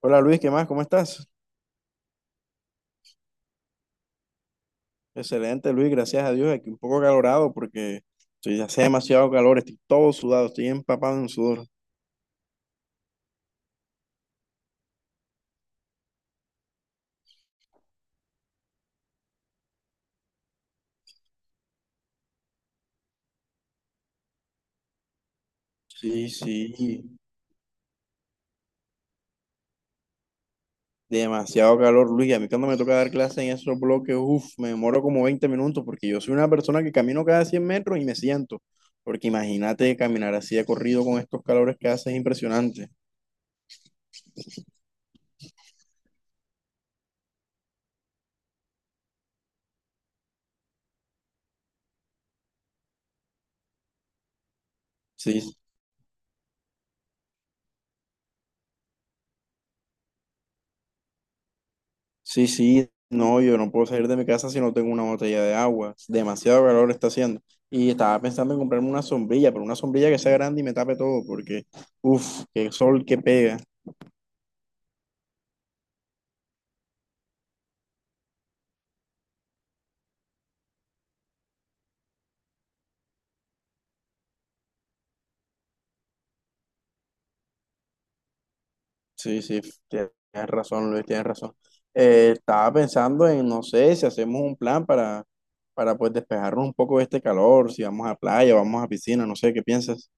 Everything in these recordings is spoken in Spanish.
Hola Luis, ¿qué más? ¿Cómo estás? Excelente Luis, gracias a Dios. Aquí un poco calorado porque hace demasiado calor, estoy todo sudado, estoy empapado en sudor. Sí, sí, demasiado calor Luis. A mí cuando me toca dar clase en esos bloques, uff, me demoro como 20 minutos porque yo soy una persona que camino cada 100 metros y me siento. Porque imagínate caminar así de corrido con estos calores que hace es impresionante. Sí, sí. Sí, sí, no, yo no puedo salir de mi casa si no tengo una botella de agua. Demasiado calor está haciendo. Y estaba pensando en comprarme una sombrilla, pero una sombrilla que sea grande y me tape todo, porque uff, qué sol que pega. Sí, sí, tienes razón, Luis, tienes razón. Estaba pensando en, no sé, si hacemos un plan para, para despejarnos un poco de este calor, si vamos a playa, vamos a piscina, no sé, ¿qué piensas?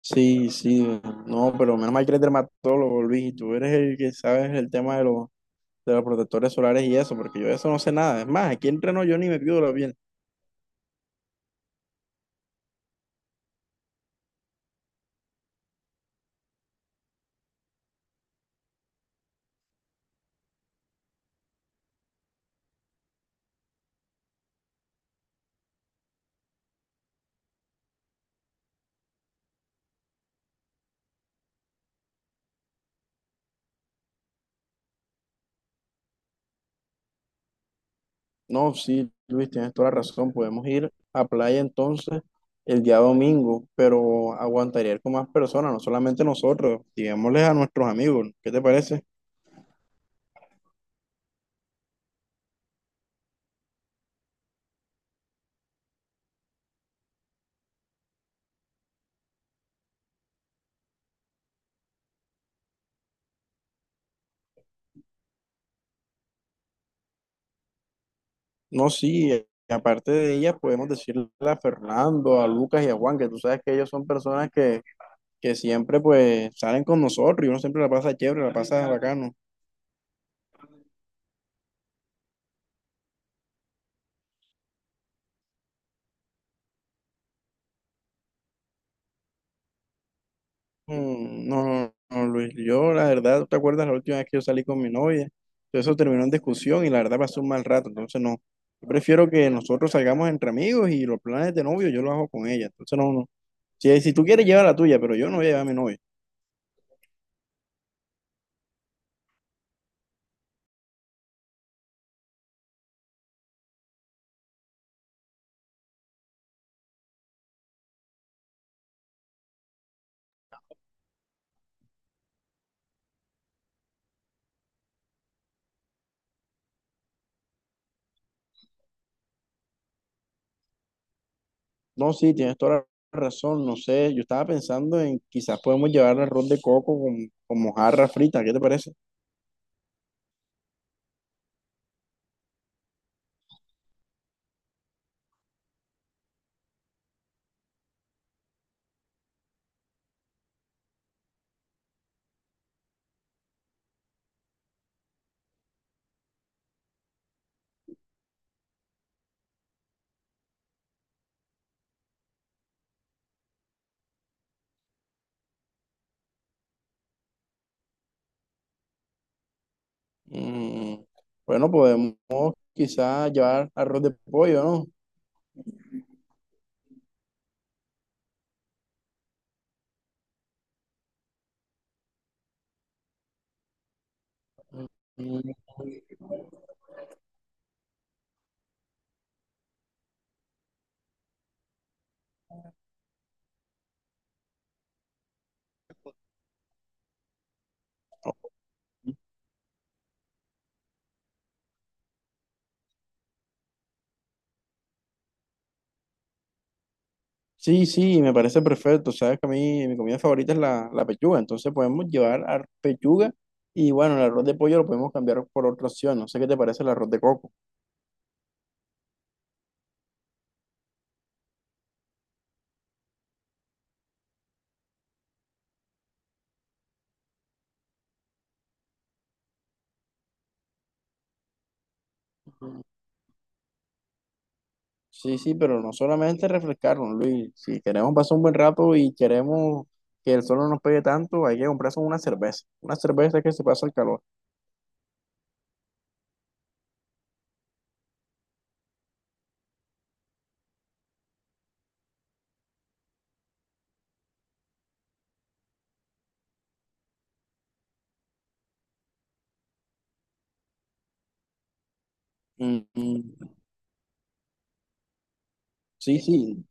Sí, sí, no, pero menos mal que eres dermatólogo, Luis, y tú eres el que sabes el tema de los protectores solares y eso, porque yo de eso no sé nada. Es más, aquí entreno yo ni me la bien. No, sí, Luis, tienes toda la razón. Podemos ir a playa entonces el día domingo, pero aguantaría ir con más personas, no solamente nosotros, digámosles a nuestros amigos. ¿Qué te parece? No, sí, aparte de ellas, podemos decirle a Fernando, a Lucas y a Juan, que tú sabes que ellos son personas que, que siempre salen con nosotros y uno siempre la pasa chévere, la pasa bacano. No, no, no, Luis, yo la verdad, ¿te acuerdas la última vez que yo salí con mi novia? Todo eso terminó en discusión y la verdad pasó un mal rato, entonces no. Yo prefiero que nosotros salgamos entre amigos y los planes de novio yo los hago con ella, entonces no, no. Si tú quieres lleva la tuya, pero yo no voy a llevar a mi novia. No, sí, tienes toda la razón, no sé, yo estaba pensando en quizás podemos llevar arroz de coco con mojarra frita, ¿qué te parece? Mm, bueno, podemos quizás llevar arroz de pollo, ¿no? Mm. Sí, sí, me parece perfecto. Sabes que a mí mi comida favorita es la, la pechuga, entonces podemos llevar a pechuga y bueno, el arroz de pollo lo podemos cambiar por otra opción. No sé qué te parece el arroz de coco. Ujú. Sí, sí, pero no solamente refrescarnos, Luis. Si queremos pasar un buen rato y queremos que el sol no nos pegue tanto, hay que comprarse una cerveza. Una cerveza que se pasa el calor. Mm, mm, sí, sí,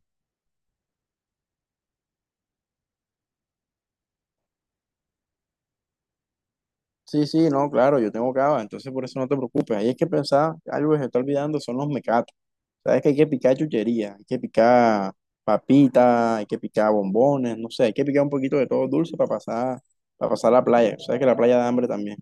sí, sí, no, claro, yo tengo cava, entonces por eso no te preocupes. Ahí es que pensaba, algo que se está olvidando son los mecatos. Sabes que hay que picar chuchería, hay que picar papitas, hay que picar bombones, no sé, hay que picar un poquito de todo dulce para pasar la playa. Sabes que la playa da hambre también.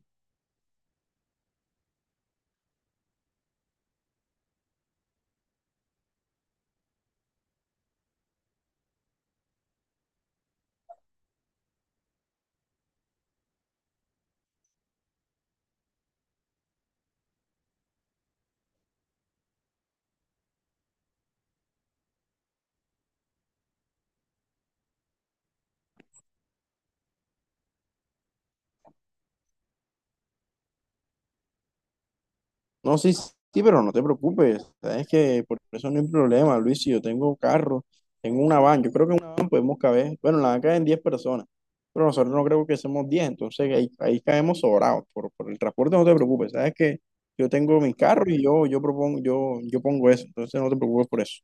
No, sí, sí, pero no te preocupes. Sabes que por eso no hay problema, Luis. Si yo tengo carro, tengo una van, yo creo que en una van podemos caber. Bueno, en la van caben 10 personas, pero nosotros no creo que seamos 10, entonces ahí, ahí caemos sobrados. Por el transporte no te preocupes. Sabes que yo tengo mi carro y yo, yo pongo eso, entonces no te preocupes por eso.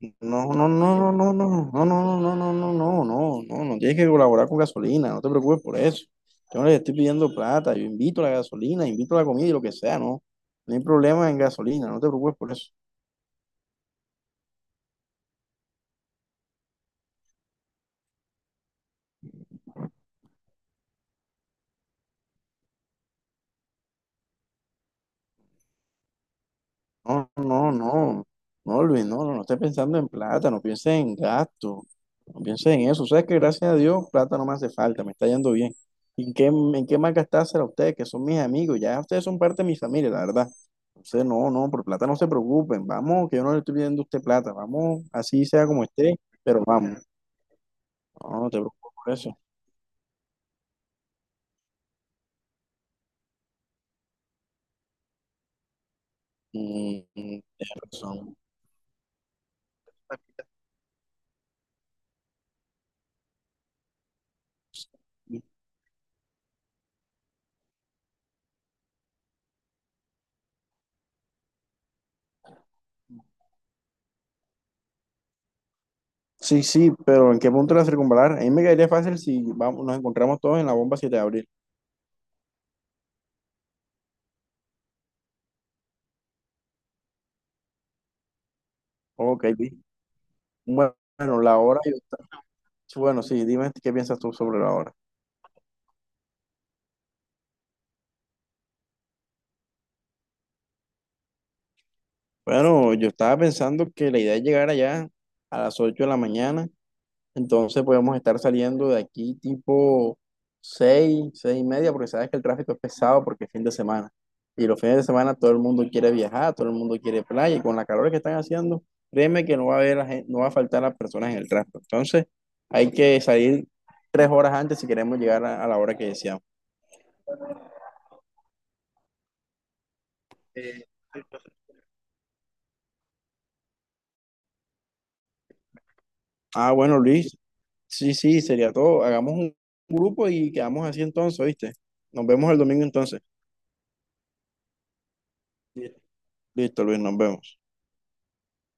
No, no, no, no, no, no, no, no, no, no, no, no, no, no, no, no tienes que colaborar con gasolina, no te preocupes por eso. Yo no les estoy pidiendo plata, yo invito a la gasolina, invito a la comida y lo que sea, no. No hay problema en gasolina, no te preocupes por eso. No, no, no, no, Luis, no, no, no estés pensando en plata, no pienses en gasto, no pienses en eso. Sabes que gracias a Dios plata no me hace falta, me está yendo bien. ¿Y en qué más gastársela a ustedes, que son mis amigos? Ya ustedes son parte de mi familia, la verdad. Entonces, no, no, por plata no se preocupen, vamos, que yo no le estoy pidiendo a usted plata, vamos, así sea como esté, pero vamos, no, no te preocupes por eso. Mm, mm, tienes razón. Sí, sí, pero ¿en qué punto la circunvalar? A mí me caería fácil si vamos, nos encontramos todos en la bomba 7 de abril. Ok. Bueno, bueno, la hora, bueno, sí, dime qué piensas tú sobre la hora. Bueno, yo estaba pensando que la idea es llegar allá a las 8 de la mañana, entonces podemos estar saliendo de aquí tipo 6, 6:30, porque sabes que el tráfico es pesado porque es fin de semana. Y los fines de semana todo el mundo quiere viajar, todo el mundo quiere playa, y con la calor que están haciendo, créeme que no va a haber, no va a faltar las personas en el tráfico. Entonces, hay que salir 3 horas antes si queremos llegar a la hora que deseamos. Ah, bueno, Luis, sí, sí, sería todo. Hagamos un grupo y quedamos así entonces, ¿viste? Nos vemos el domingo entonces. Sí. Listo, Luis, nos vemos.